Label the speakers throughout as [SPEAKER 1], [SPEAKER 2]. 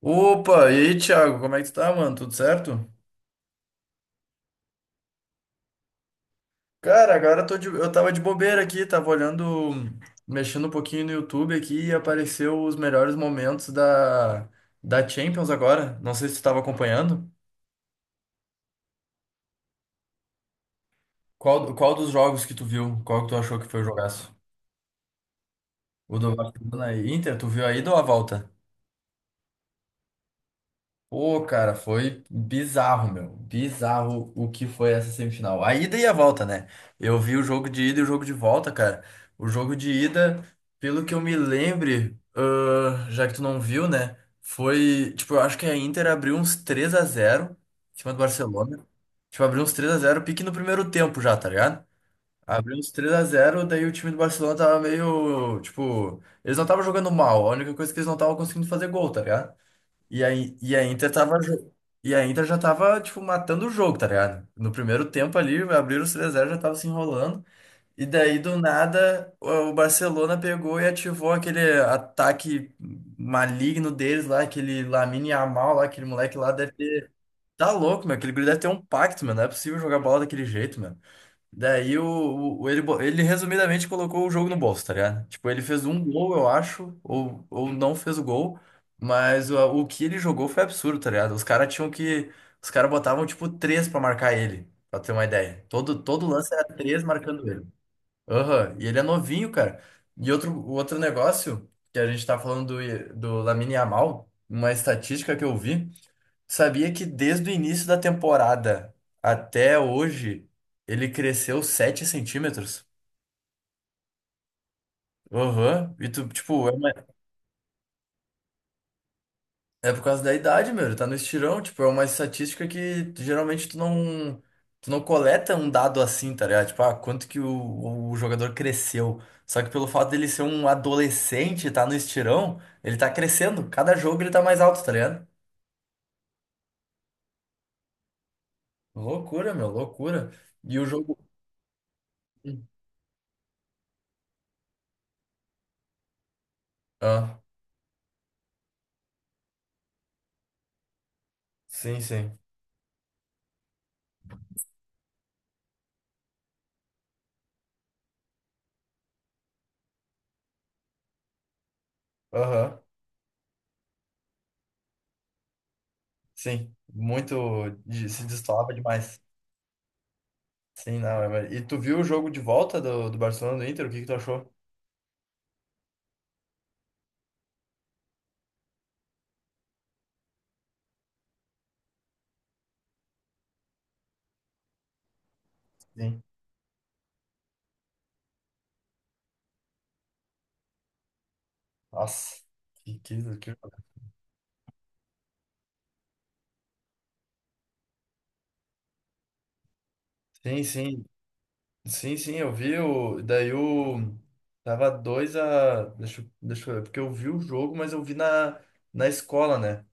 [SPEAKER 1] Opa, e aí, Thiago, como é que tu tá, mano? Tudo certo? Cara, agora eu eu tava de bobeira aqui, tava olhando, mexendo um pouquinho no YouTube aqui e apareceu os melhores momentos da Champions agora. Não sei se tu tava acompanhando. Qual dos jogos que tu viu? Qual que tu achou que foi o jogaço? O do Barcelona e Inter, tu viu aí ou a volta? Pô, cara, foi bizarro, meu. Bizarro o que foi essa semifinal. A ida e a volta, né? Eu vi o jogo de ida e o jogo de volta, cara. O jogo de ida, pelo que eu me lembre, já que tu não viu, né? Foi, tipo, eu acho que a Inter abriu uns 3-0 em cima do Barcelona. Tipo, abriu uns 3-0, pique no primeiro tempo já, tá ligado? Abriu uns 3 a zero, daí o time do Barcelona tava meio, tipo, eles não estavam jogando mal, a única coisa é que eles não estavam conseguindo fazer gol, tá ligado? E a Inter tava. E a Inter já tava, tipo, matando o jogo, tá ligado? No primeiro tempo ali, abriram os 3-0, já tava se enrolando. E daí, do nada, o Barcelona pegou e ativou aquele ataque maligno deles lá, aquele Lamine Yamal lá, aquele moleque lá deve ter. Tá louco, meu. Aquele guri deve ter um pacto, mano. Não é possível jogar bola daquele jeito, mano. Daí ele resumidamente colocou o jogo no bolso, tá ligado? Tipo, ele fez um gol, eu acho, ou não fez o gol, mas o que ele jogou foi absurdo, tá ligado? Os caras tinham que. Os caras botavam, tipo, três pra marcar ele, pra ter uma ideia. Todo lance era três marcando ele. Aham, e ele é novinho, cara. O outro negócio que a gente tá falando do Lamine Yamal, uma estatística que eu vi. Sabia que desde o início da temporada até hoje ele cresceu 7 cm? Aham. E tu, tipo, é, é por causa da idade, meu. Ele tá no estirão. Tipo, é uma estatística que geralmente tu não coleta um dado assim, tá ligado? Tipo, quanto que o jogador cresceu. Só que pelo fato dele ser um adolescente e tá no estirão, ele tá crescendo. Cada jogo ele tá mais alto, tá ligado? Loucura, meu, loucura. E o jogo. Hum. Ah, sim, sim. Aham. Sim, muito. Se destoava demais. Sim, não. É verdade. E tu viu o jogo de volta do Barcelona do Inter? O que que tu achou? Sim. Nossa, que. Sim, sim. Sim, sim, eu vi o. Daí o. Tava 2 a. Deixa, deixa eu ver, porque eu vi o jogo, mas eu vi na escola, né?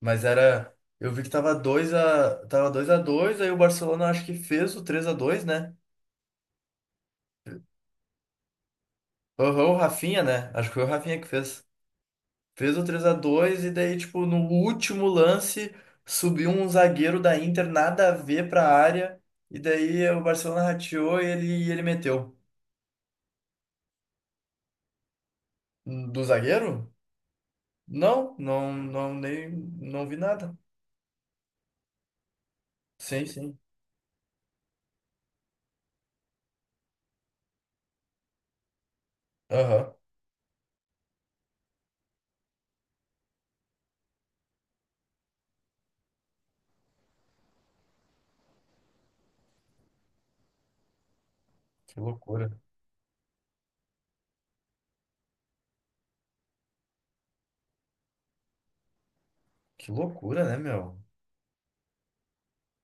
[SPEAKER 1] Mas era. Eu vi que tava 2 a. Tava 2 a 2 aí o Barcelona acho que fez o 3-2, né? Aham, o Rafinha, né? Acho que foi o Rafinha que fez. Fez o três a dois e daí, tipo, no último lance, subiu um zagueiro da Inter, nada a ver pra área. E daí o Barcelona rateou e ele meteu. Do zagueiro? Não, não, não, nem, não vi nada. Sim, sim. Aham. Que loucura. Que loucura, né, meu?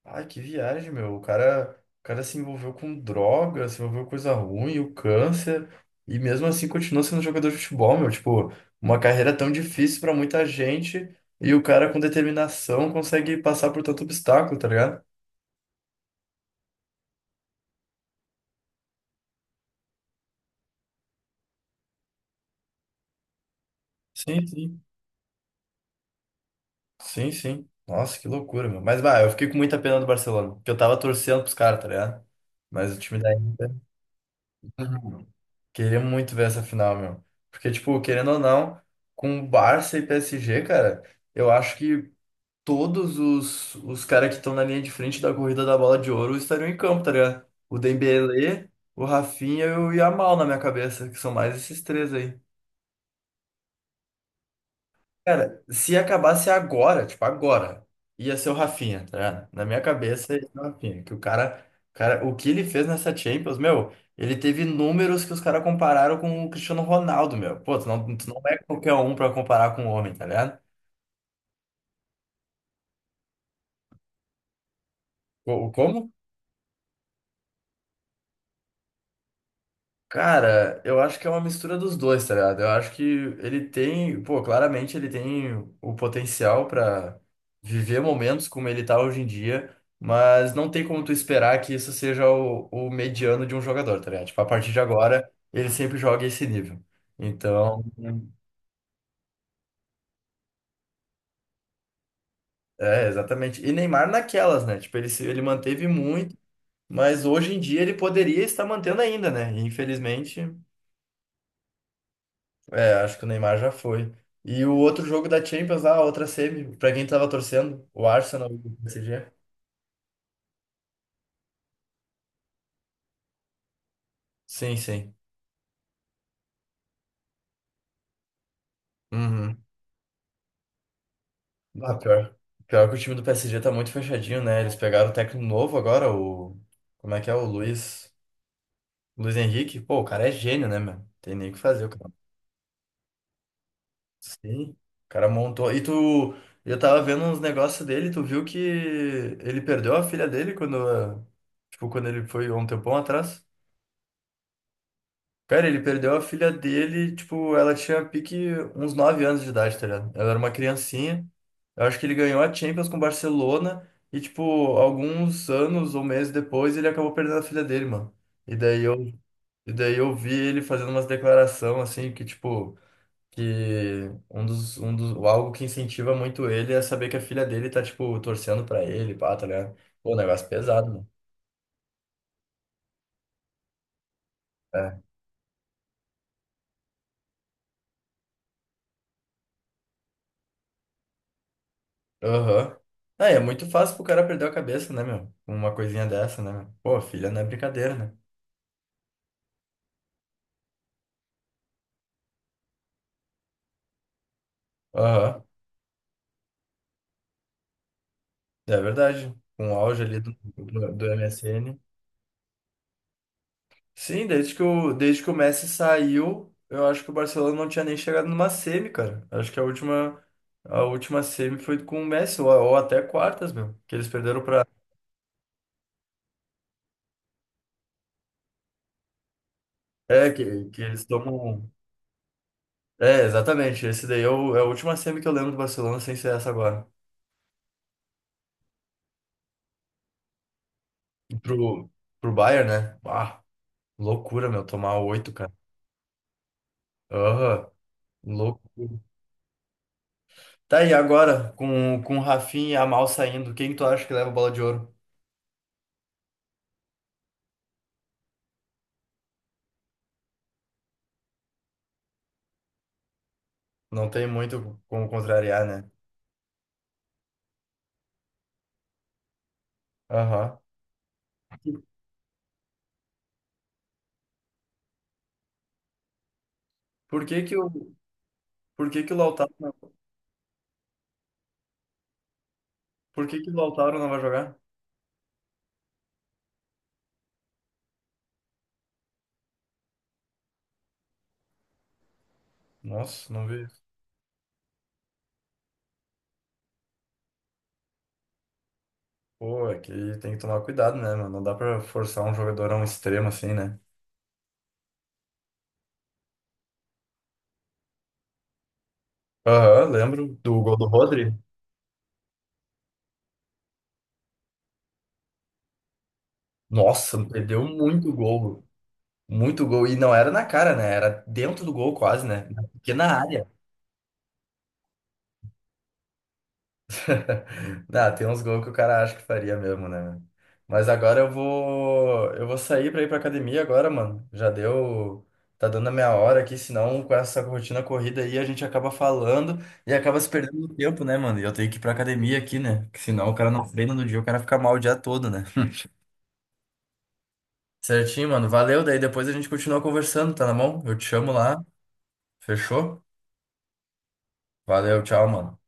[SPEAKER 1] Ai, que viagem, meu. O cara se envolveu com droga, se envolveu com coisa ruim, o câncer, e mesmo assim continuou sendo jogador de futebol, meu. Tipo, uma carreira tão difícil pra muita gente, e o cara com determinação consegue passar por tanto obstáculo, tá ligado? Sim, sim. Sim, sim. Nossa, que loucura, meu. Mas, vai, eu fiquei com muita pena do Barcelona, porque eu tava torcendo pros caras, tá ligado? Mas o time da Inter. Queria muito ver essa final, meu. Porque, tipo, querendo ou não, com Barça e PSG, cara, eu acho que todos os caras que estão na linha de frente da corrida da bola de ouro estariam em campo, tá ligado? O Dembélé, o Rafinha e o Yamal na minha cabeça, que são mais esses três aí. Cara, se acabasse agora, tipo, agora, ia ser o Rafinha, tá ligado? Na minha cabeça, ia ser o Rafinha. Que o cara, cara, o que ele fez nessa Champions, meu, ele teve números que os caras compararam com o Cristiano Ronaldo, meu. Pô, tu não é qualquer um pra comparar com o homem, tá ligado? Co- Como Cara, eu acho que é uma mistura dos dois, tá ligado? Eu acho que ele tem, pô, claramente ele tem o potencial pra viver momentos como ele tá hoje em dia, mas não tem como tu esperar que isso seja o mediano de um jogador, tá ligado? Tipo, a partir de agora, ele sempre joga esse nível. Então, é, exatamente. E Neymar naquelas, né? Tipo, ele, se- ele manteve muito, mas hoje em dia ele poderia estar mantendo ainda, né? E, infelizmente. É, acho que o Neymar já foi. E o outro jogo da Champions, lá, a outra semi, pra quem tava torcendo, o Arsenal e o PSG. Sim, sim. Uhum. Ah, pior. Pior que o time do PSG tá muito fechadinho, né? Eles pegaram o técnico novo agora, o. Como é que é? O Luiz. Luiz Henrique. Pô, o cara é gênio, né, meu? Tem nem o que fazer, o cara. Sim. O cara montou. E tu. Eu tava vendo uns negócios dele, tu viu que ele perdeu a filha dele quando, tipo, quando ele foi há um tempão atrás? Cara, ele perdeu a filha dele, tipo, ela tinha pique uns 9 anos de idade, tá ligado? Ela era uma criancinha. Eu acho que ele ganhou a Champions com o Barcelona e, tipo, alguns anos ou meses depois ele acabou perdendo a filha dele, mano. E daí eu, e daí eu vi ele fazendo umas declarações, assim, que, tipo, que algo que incentiva muito ele é saber que a filha dele tá, tipo, torcendo pra ele, pá, tá ligado? Pô, um negócio pesado, mano. É. Aham. Ah, é muito fácil pro cara perder a cabeça, né, meu? Com uma coisinha dessa, né, meu? Pô, filha não é brincadeira, né? Aham. É verdade. Com o auge ali do MSN. Sim, desde que o Messi saiu, eu acho que o Barcelona não tinha nem chegado numa semi, cara. Acho que a última semi foi com o Messi, ou até quartas, meu. Que eles perderam pra. É, que eles tomam. É, exatamente. Esse daí é a última semi que eu lembro do Barcelona sem ser essa agora. E pro Bayern, né? Ah. Loucura, meu, tomar oito, cara. Aham, loucura. Tá aí agora, com o Rafinha e a Mal saindo, quem tu acha que leva a bola de ouro? Não tem muito como contrariar, né? Aham. Por que que o por que que o Lautaro, não- por que que o Lautaro não vai jogar? Nossa, não vi isso. Pô, é que tem que tomar cuidado, né, mano? Não dá pra forçar um jogador a um extremo assim, né? Aham, lembro do gol do Rodri. Nossa, perdeu muito gol. Muito gol. E não era na cara, né? Era dentro do gol quase, né? Porque na pequena área. Ah, tem uns gols que o cara acha que faria mesmo, né, meu? Mas agora eu vou sair pra ir pra academia agora, mano. Já deu, tá dando a minha hora aqui, senão com essa rotina corrida aí a gente acaba falando e acaba se perdendo no tempo, né, mano? E eu tenho que ir pra academia aqui, né? Porque senão o cara não treina no dia, o cara fica mal o dia todo, né? Certinho, mano. Valeu, daí depois a gente continua conversando, tá na mão? Eu te chamo lá. Fechou? Valeu, tchau, mano.